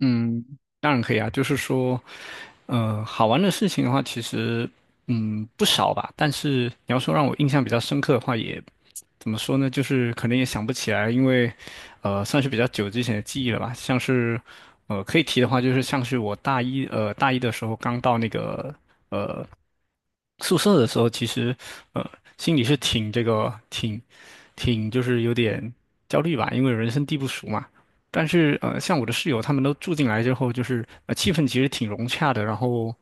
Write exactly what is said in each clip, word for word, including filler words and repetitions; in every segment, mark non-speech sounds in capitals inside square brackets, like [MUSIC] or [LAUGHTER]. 嗯，当然可以啊，就是说，呃，好玩的事情的话，其实嗯不少吧。但是你要说让我印象比较深刻的话也，怎么说呢？就是可能也想不起来，因为呃算是比较久之前的记忆了吧。像是呃可以提的话，就是像是我大一呃大一的时候刚到那个宿舍的时候，其实呃心里是挺这个挺挺就是有点焦虑吧，因为人生地不熟嘛。但是呃，像我的室友他们都住进来之后，就是呃气氛其实挺融洽的，然后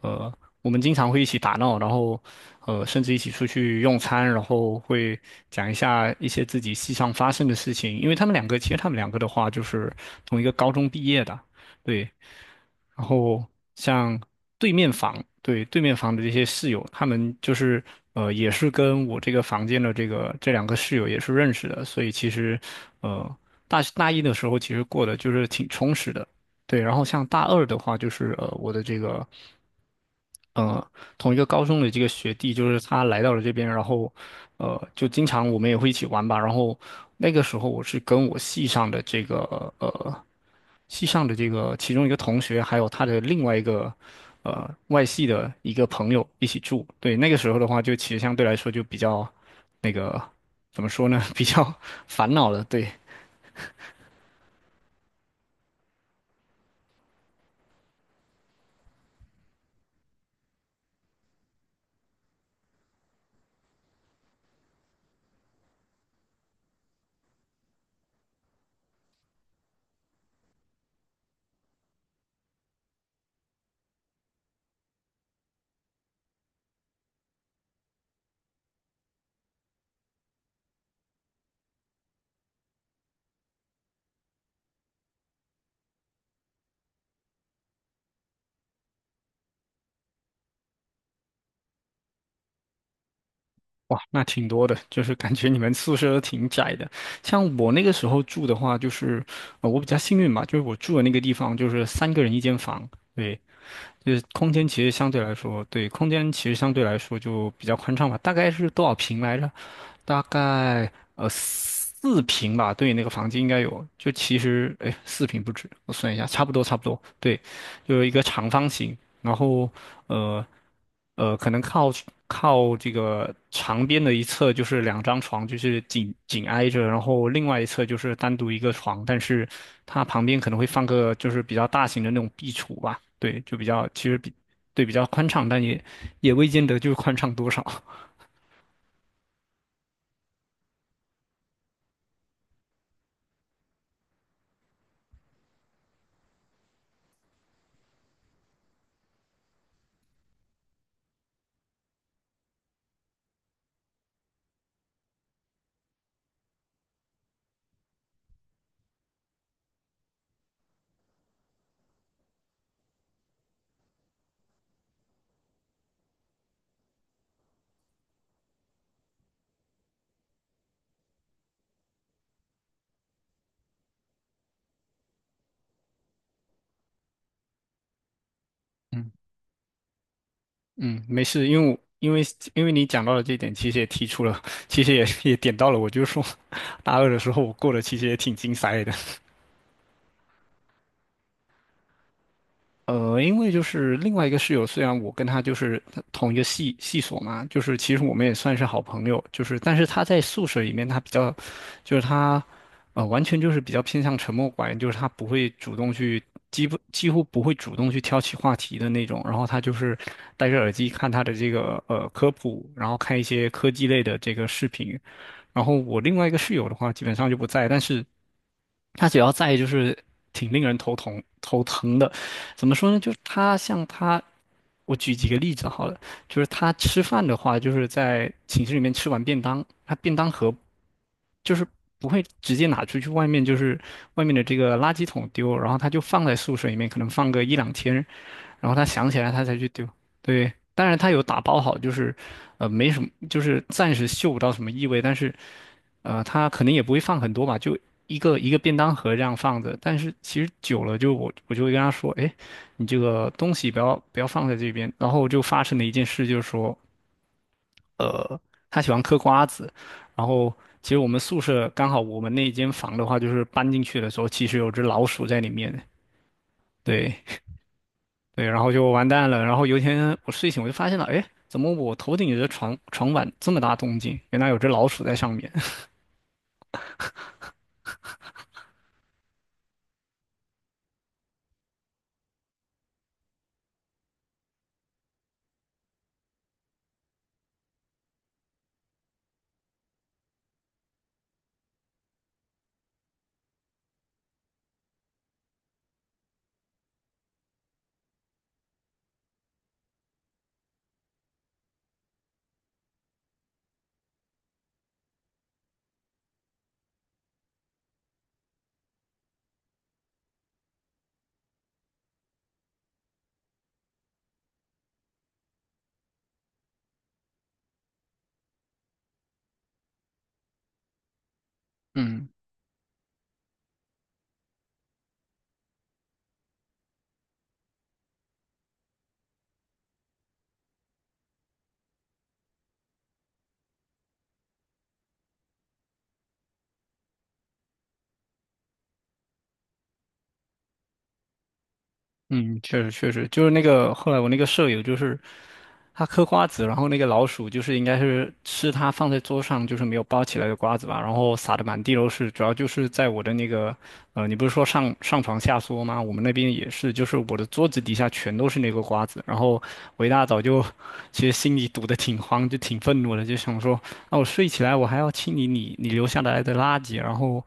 呃我们经常会一起打闹，然后呃甚至一起出去用餐，然后会讲一下一些自己系上发生的事情，因为他们两个其实他们两个的话就是同一个高中毕业的，对。然后像对面房，对，对面房的这些室友，他们就是呃，也是跟我这个房间的这个这两个室友也是认识的，所以其实呃，大大一的时候其实过得就是挺充实的，对。然后像大二的话，就是呃，我的这个。呃，同一个高中的这个学弟，就是他来到了这边，然后，呃，就经常我们也会一起玩吧。然后那个时候我是跟我系上的这个呃，系上的这个其中一个同学，还有他的另外一个呃外系的一个朋友一起住。对，那个时候的话，就其实相对来说就比较那个怎么说呢，[LAUGHS] 比较烦恼了。对。哇，那挺多的，就是感觉你们宿舍都挺窄的。像我那个时候住的话，就是，呃，我比较幸运吧，就是我住的那个地方就是三个人一间房，对，就是空间其实相对来说，对，空间其实相对来说就比较宽敞吧。大概是多少平来着？大概呃四平吧，对，那个房间应该有，就其实哎四平不止，我算一下，差不多差不多，对，就是一个长方形，然后呃呃可能靠靠这个长边的一侧就是两张床，就是紧紧挨着，然后另外一侧就是单独一个床，但是它旁边可能会放个就是比较大型的那种壁橱吧，对，就比较其实比对比较宽敞，但也也未见得就是宽敞多少。[LAUGHS] 嗯。嗯，没事，因为我因为因为你讲到了这一点，其实也提出了，其实也也点到了，我就说 [LAUGHS] 大二的时候我过得其实也挺精彩的。呃，因为就是另外一个室友，虽然我跟他就是同一个系系所嘛，就是其实我们也算是好朋友，就是但是他在宿舍里面，他比较，就是他，呃，完全就是比较偏向沉默寡言，就是他不会主动去，几不几乎不会主动去挑起话题的那种，然后他就是戴着耳机看他的这个呃科普，然后看一些科技类的这个视频，然后我另外一个室友的话，基本上就不在，但是。他主要在意就是挺令人头疼头疼的。怎么说呢？就是他像他，我举几个例子好了，就是他吃饭的话，就是在寝室里面吃完便当，他便当盒就是不会直接拿出去外面，就是外面的这个垃圾桶丢，然后他就放在宿舍里面，可能放个一两天，然后他想起来他才去丢。对，当然他有打包好，就是，呃，没什么，就是暂时嗅不到什么异味，但是，呃，他可能也不会放很多吧，就一个一个便当盒这样放着。但是其实久了就，我我就会跟他说，哎，你这个东西不要不要放在这边。然后就发生了一件事，就是说，呃，他喜欢嗑瓜子，然后其实我们宿舍刚好我们那一间房的话，就是搬进去的时候，其实有只老鼠在里面。对，对，然后就完蛋了。然后有一天我睡醒，我就发现了，哎，怎么我头顶的床床板这么大动静？原来有只老鼠在上面。[LAUGHS] 嗯。嗯，确实确实，就是那个后来我那个舍友，就是他嗑瓜子，然后那个老鼠就是应该是吃他放在桌上就是没有包起来的瓜子吧，然后撒的满地都是，主要就是在我的那个呃，你不是说上上床下桌吗？我们那边也是，就是我的桌子底下全都是那个瓜子，然后我一大早就其实心里堵得挺慌，就挺愤怒的，就想说那我睡起来我还要清理你你留下来的垃圾，然后。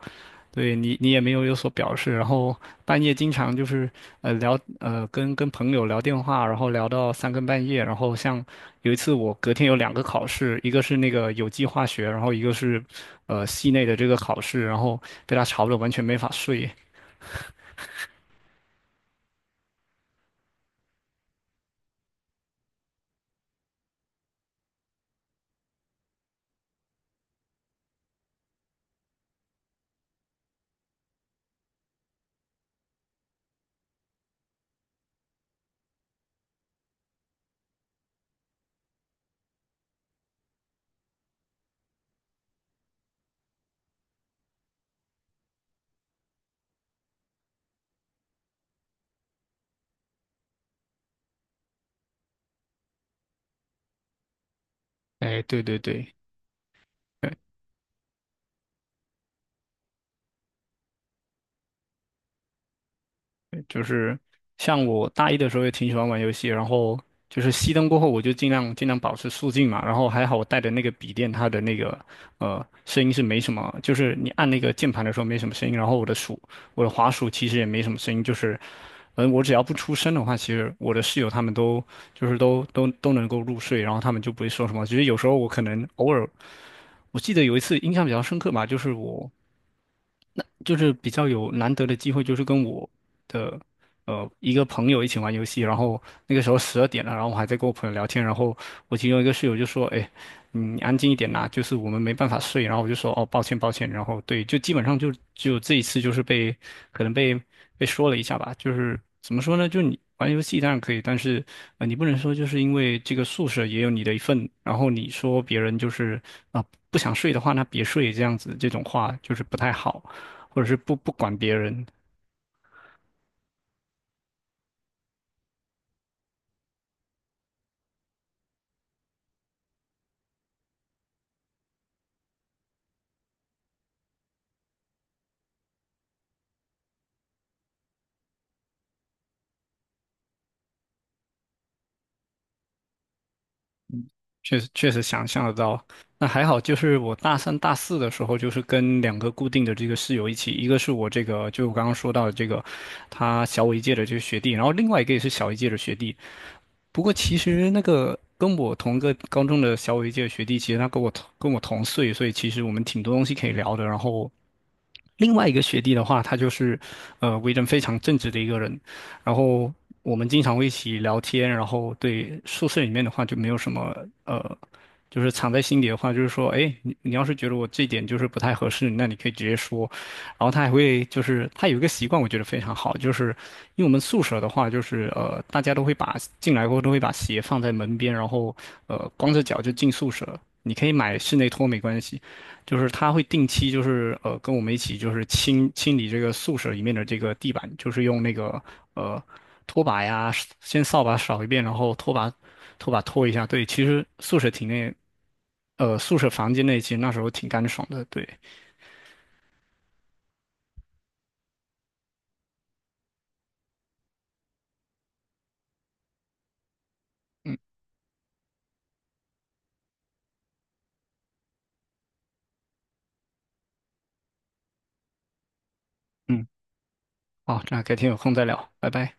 对你，你也没有有所表示，然后半夜经常就是呃聊呃跟跟朋友聊电话，然后聊到三更半夜，然后像有一次我隔天有两个考试，一个是那个有机化学，然后一个是呃系内的这个考试，然后被他吵得完全没法睡。哎，对对对，就是像我大一的时候也挺喜欢玩游戏，然后就是熄灯过后，我就尽量尽量保持肃静嘛。然后还好我带的那个笔电，它的那个呃声音是没什么，就是你按那个键盘的时候没什么声音，然后我的鼠我的滑鼠其实也没什么声音，就是嗯、呃我只要不出声的话，其实我的室友他们都就是都都都能够入睡，然后他们就不会说什么。其实有时候我可能偶尔。我记得有一次印象比较深刻吧，就是我就是比较有难得的机会，就是跟我的呃一个朋友一起玩游戏，然后那个时候十二点了，然后我还在跟我朋友聊天，然后我其中一个室友就说："哎，你安静一点啦，就是我们没办法睡。"然后我就说："哦，抱歉，抱歉。"然后对，就基本上就只有这一次，就是被可能被被说了一下吧，就是怎么说呢？就你玩游戏当然可以，但是呃，你不能说就是因为这个宿舍也有你的一份，然后你说别人就是啊、不想睡的话，那别睡这样子，这种话就是不太好。或者是不不管别人，确实确实想象得到。那还好，就是我大三、大四的时候，就是跟两个固定的这个室友一起，一个是我这个就我刚刚说到的这个，他小我一届的这个学弟，然后另外一个也是小一届的学弟。不过其实那个跟我同个高中的小我一届的学弟，其实他跟我同跟我同岁，所以其实我们挺多东西可以聊的。然后另外一个学弟的话，他就是呃为人非常正直的一个人，然后我们经常会一起聊天，然后对宿舍里面的话就没有什么呃，就是藏在心底的话，就是说，哎，你你要是觉得我这一点就是不太合适，那你可以直接说。然后他还会就是他有一个习惯，我觉得非常好，就是因为我们宿舍的话，就是呃大家都会把进来后都会把鞋放在门边，然后呃光着脚就进宿舍。你可以买室内拖没关系，就是他会定期就是呃跟我们一起就是清清理这个宿舍里面的这个地板，就是用那个呃拖把呀，先扫把扫一遍，然后拖把拖把拖一下。对，其实宿舍体内呃宿舍房间内其实那时候挺干爽的。对，嗯嗯，好，那改天有空再聊，拜拜。